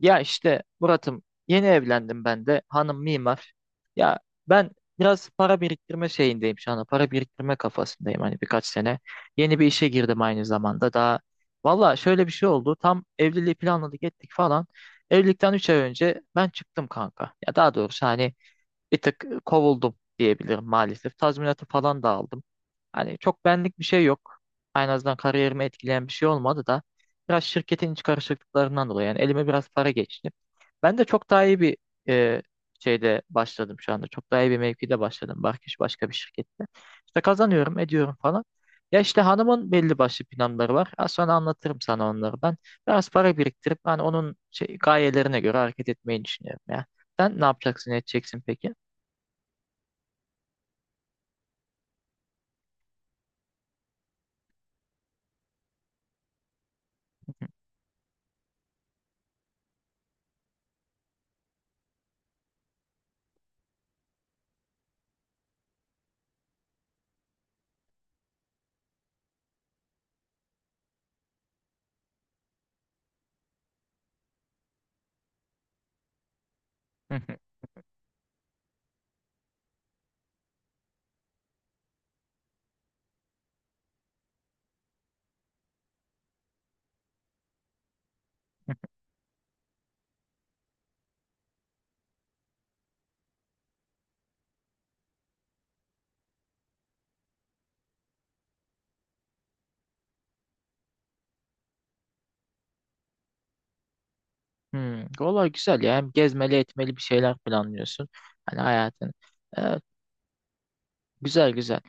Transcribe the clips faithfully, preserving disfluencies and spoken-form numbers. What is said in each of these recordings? Ya işte Murat'ım, yeni evlendim ben de. Hanım mimar. Ya ben biraz para biriktirme şeyindeyim şu anda. Para biriktirme kafasındayım hani birkaç sene. Yeni bir işe girdim aynı zamanda. Daha valla şöyle bir şey oldu. Tam evliliği planladık ettik falan. Evlilikten üç ay önce ben çıktım kanka. Ya daha doğrusu hani bir tık kovuldum diyebilirim maalesef. Tazminatı falan da aldım. Hani çok benlik bir şey yok. En azından kariyerimi etkileyen bir şey olmadı da biraz şirketin iç karışıklıklarından dolayı yani elime biraz para geçti. Ben de çok daha iyi bir e, şeyde başladım şu anda. Çok daha iyi bir mevkide başladım. Barkiş başka bir şirkette. İşte kazanıyorum, ediyorum falan. Ya işte hanımın belli başlı planları var. Az sonra anlatırım sana onları ben. Biraz para biriktirip hani onun şey, gayelerine göre hareket etmeyi düşünüyorum ya. Sen ne yapacaksın, edeceksin peki? Hı hı. Hmm, vallahi güzel ya. Hem gezmeli etmeli bir şeyler planlıyorsun. Hani hayatın. Evet, güzel güzel.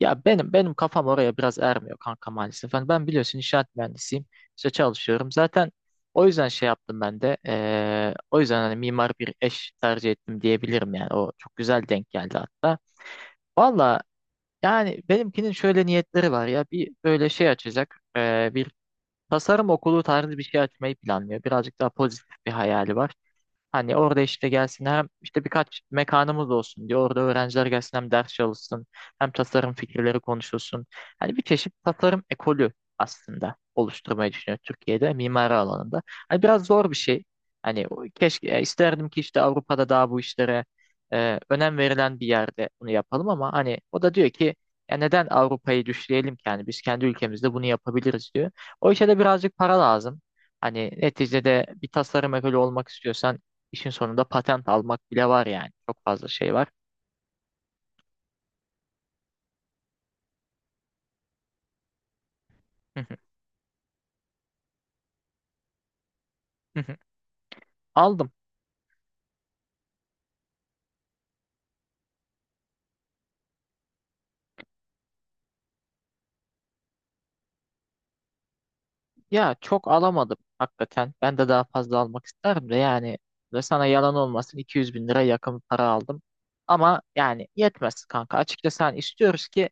Ya benim benim kafam oraya biraz ermiyor kanka maalesef. Hani ben biliyorsun inşaat mühendisiyim. İşte çalışıyorum. Zaten o yüzden şey yaptım ben de. Eee, o yüzden hani mimar bir eş tercih ettim diyebilirim yani. O çok güzel denk geldi hatta. Valla yani benimkinin şöyle niyetleri var ya. Bir böyle şey açacak. Eee, bir tasarım okulu tarzı bir şey açmayı planlıyor. Birazcık daha pozitif bir hayali var. Hani orada işte gelsin hem işte birkaç mekanımız olsun diye orada öğrenciler gelsin hem ders çalışsın hem tasarım fikirleri konuşulsun. Hani bir çeşit tasarım ekolü aslında oluşturmayı düşünüyor Türkiye'de mimari alanında. Hani biraz zor bir şey. Hani o- keşke e, isterdim ki işte Avrupa'da daha bu işlere e, önem verilen bir yerde bunu yapalım ama hani o da diyor ki ya neden Avrupa'yı düşleyelim ki yani biz kendi ülkemizde bunu yapabiliriz diyor. O işe de birazcık para lazım. Hani neticede bir tasarım ekolü olmak istiyorsan İşin sonunda patent almak bile var yani. Çok fazla şey var. Hı hı, hı hı. Aldım. Ya çok alamadım hakikaten. Ben de daha fazla almak isterim de yani ve sana yalan olmasın iki yüz bin lira yakın para aldım. Ama yani yetmez kanka. Açıkçası hani istiyoruz ki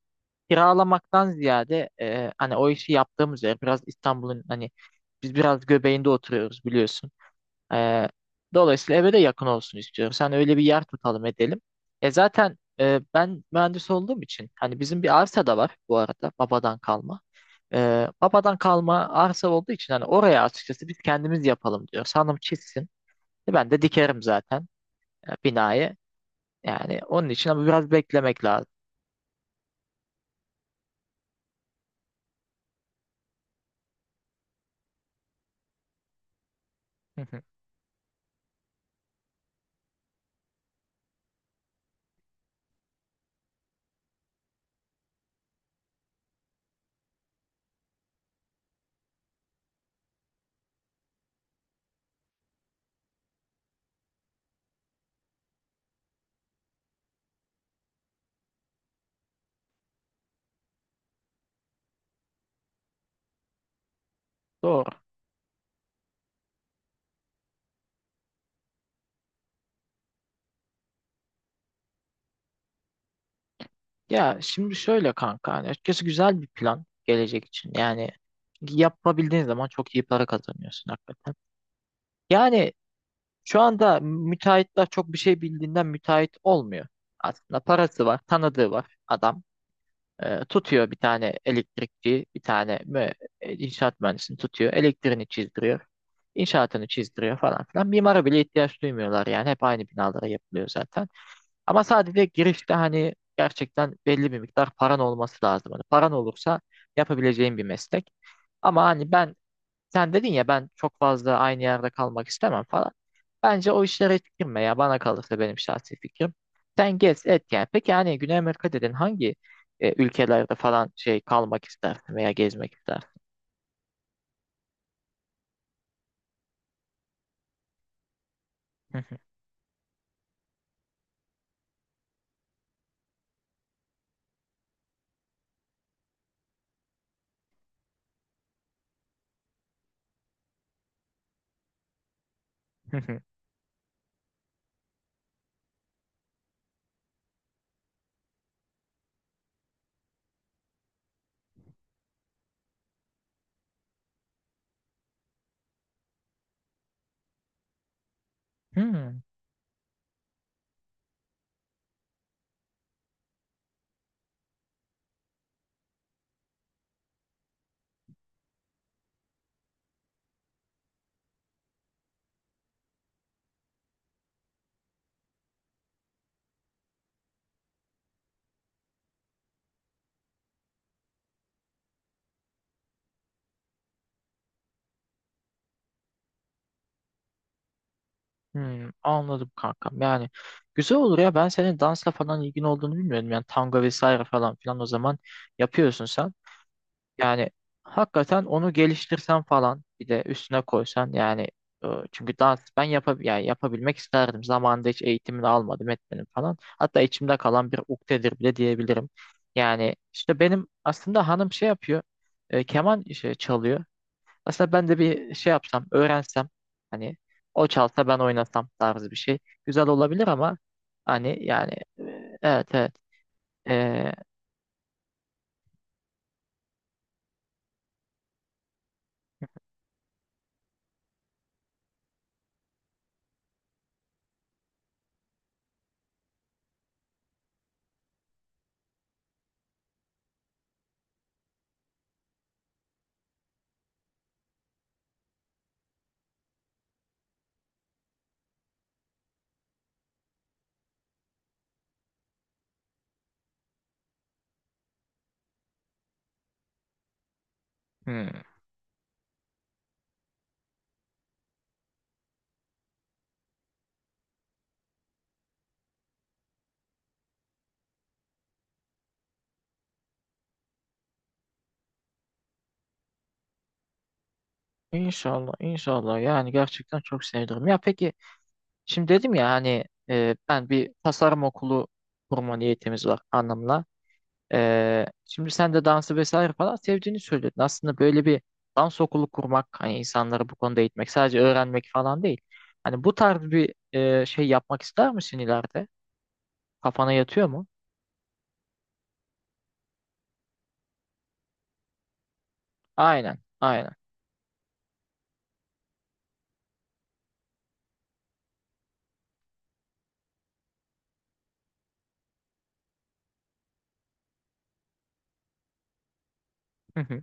kiralamaktan ziyade e, hani o işi yaptığımız yer biraz İstanbul'un hani biz biraz göbeğinde oturuyoruz biliyorsun. Ee, Dolayısıyla eve de yakın olsun istiyorum. Sen öyle bir yer tutalım edelim. E zaten e, ben mühendis olduğum için hani bizim bir arsa da var bu arada babadan kalma. Ee, babadan kalma arsa olduğu için hani oraya açıkçası biz kendimiz yapalım diyor. Hanım çizsin. E, Ben de dikerim zaten e, binayı. Yani onun için ama biraz beklemek lazım. Hı hı. Doğru. Ya şimdi şöyle kanka hani açıkçası güzel bir plan gelecek için. Yani yapabildiğin zaman çok iyi para kazanıyorsun hakikaten. Yani şu anda müteahhitler çok bir şey bildiğinden müteahhit olmuyor. Aslında parası var, tanıdığı var adam. Ee, tutuyor bir tane elektrikçi, bir tane mü e, inşaat mühendisini tutuyor. Elektriğini çizdiriyor, inşaatını çizdiriyor falan filan. Mimara bile ihtiyaç duymuyorlar yani. Hep aynı binalara yapılıyor zaten. Ama sadece girişte hani gerçekten belli bir miktar paran olması lazım. Hani paran olursa yapabileceğin bir meslek. Ama hani ben sen dedin ya ben çok fazla aynı yerde kalmak istemem falan. Bence o işlere hiç girme ya, bana kalırsa benim şahsi fikrim. Sen gez et yani. Peki yani Güney Amerika dedin hangi e, ülkelerde falan şey kalmak istersin veya gezmek istersin? Hı hı, hı hı. Hmm, hmm, Anladım kankam. Yani güzel olur ya, ben senin dansla falan ilgin olduğunu bilmiyordum. Yani tango vesaire falan filan o zaman yapıyorsun sen. Yani hakikaten onu geliştirsen falan bir de üstüne koysan yani e, çünkü dans ben yapab yani yapabilmek isterdim. Zamanında hiç eğitimini almadım etmedim falan. Hatta içimde kalan bir ukdedir bile diyebilirim. Yani işte benim aslında hanım şey yapıyor. E, keman şey çalıyor. Aslında ben de bir şey yapsam, öğrensem hani o çalsa ben oynasam tarzı bir şey. Güzel olabilir ama hani yani e, evet evet. E, hmm. İnşallah, inşallah. Yani gerçekten çok sevinirim. Ya peki, şimdi dedim ya hani e, ben bir tasarım okulu kurma niyetimiz var anlamına. E, şimdi sen de dansı vesaire falan sevdiğini söyledin. Aslında böyle bir dans okulu kurmak, hani insanları bu konuda eğitmek, sadece öğrenmek falan değil. Hani bu tarz bir e, şey yapmak ister misin ileride? Kafana yatıyor mu? Aynen, aynen. Hı hı.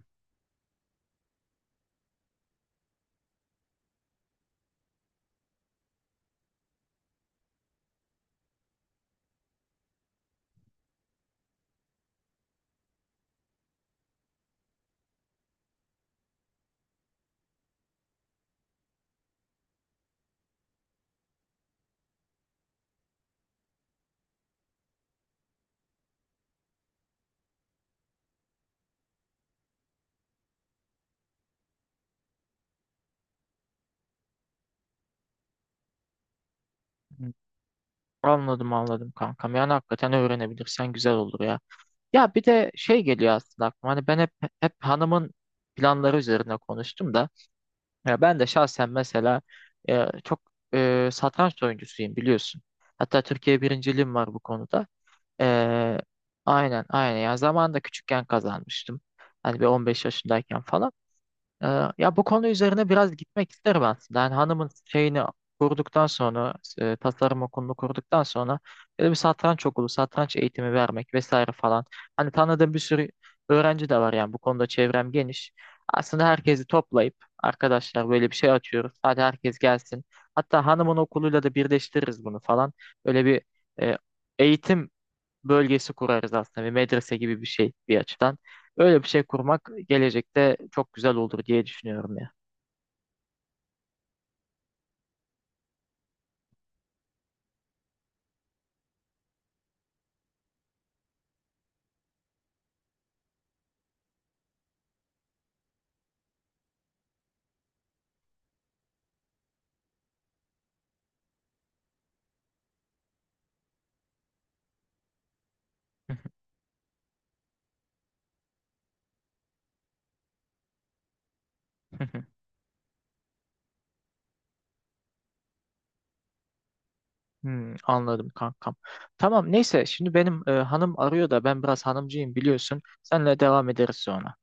Anladım, anladım kankam. Yani hakikaten öğrenebilirsen güzel olur ya. Ya bir de şey geliyor aslında aklıma. Hani ben hep hep hanımın planları üzerine konuştum da. Ya ben de şahsen mesela e, çok e, satranç oyuncusuyum biliyorsun. Hatta Türkiye birinciliğim var bu konuda. E, aynen aynen. Yani zamanında küçükken kazanmıştım. Hani bir on beş yaşındayken falan. Ee, Ya bu konu üzerine biraz gitmek isterim aslında. Yani hanımın şeyini kurduktan sonra, e, tasarım okulunu kurduktan sonra böyle bir satranç okulu, satranç eğitimi vermek vesaire falan. Hani tanıdığım bir sürü öğrenci de var yani bu konuda çevrem geniş. Aslında herkesi toplayıp arkadaşlar böyle bir şey açıyoruz. Hadi herkes gelsin. Hatta hanımın okuluyla da birleştiririz bunu falan. Böyle bir e, eğitim bölgesi kurarız aslında. Bir medrese gibi bir şey bir açıdan. Öyle bir şey kurmak gelecekte çok güzel olur diye düşünüyorum ya. Hmm, anladım kankam. Tamam neyse şimdi benim e, hanım arıyor da ben biraz hanımcıyım biliyorsun. Senle devam ederiz sonra.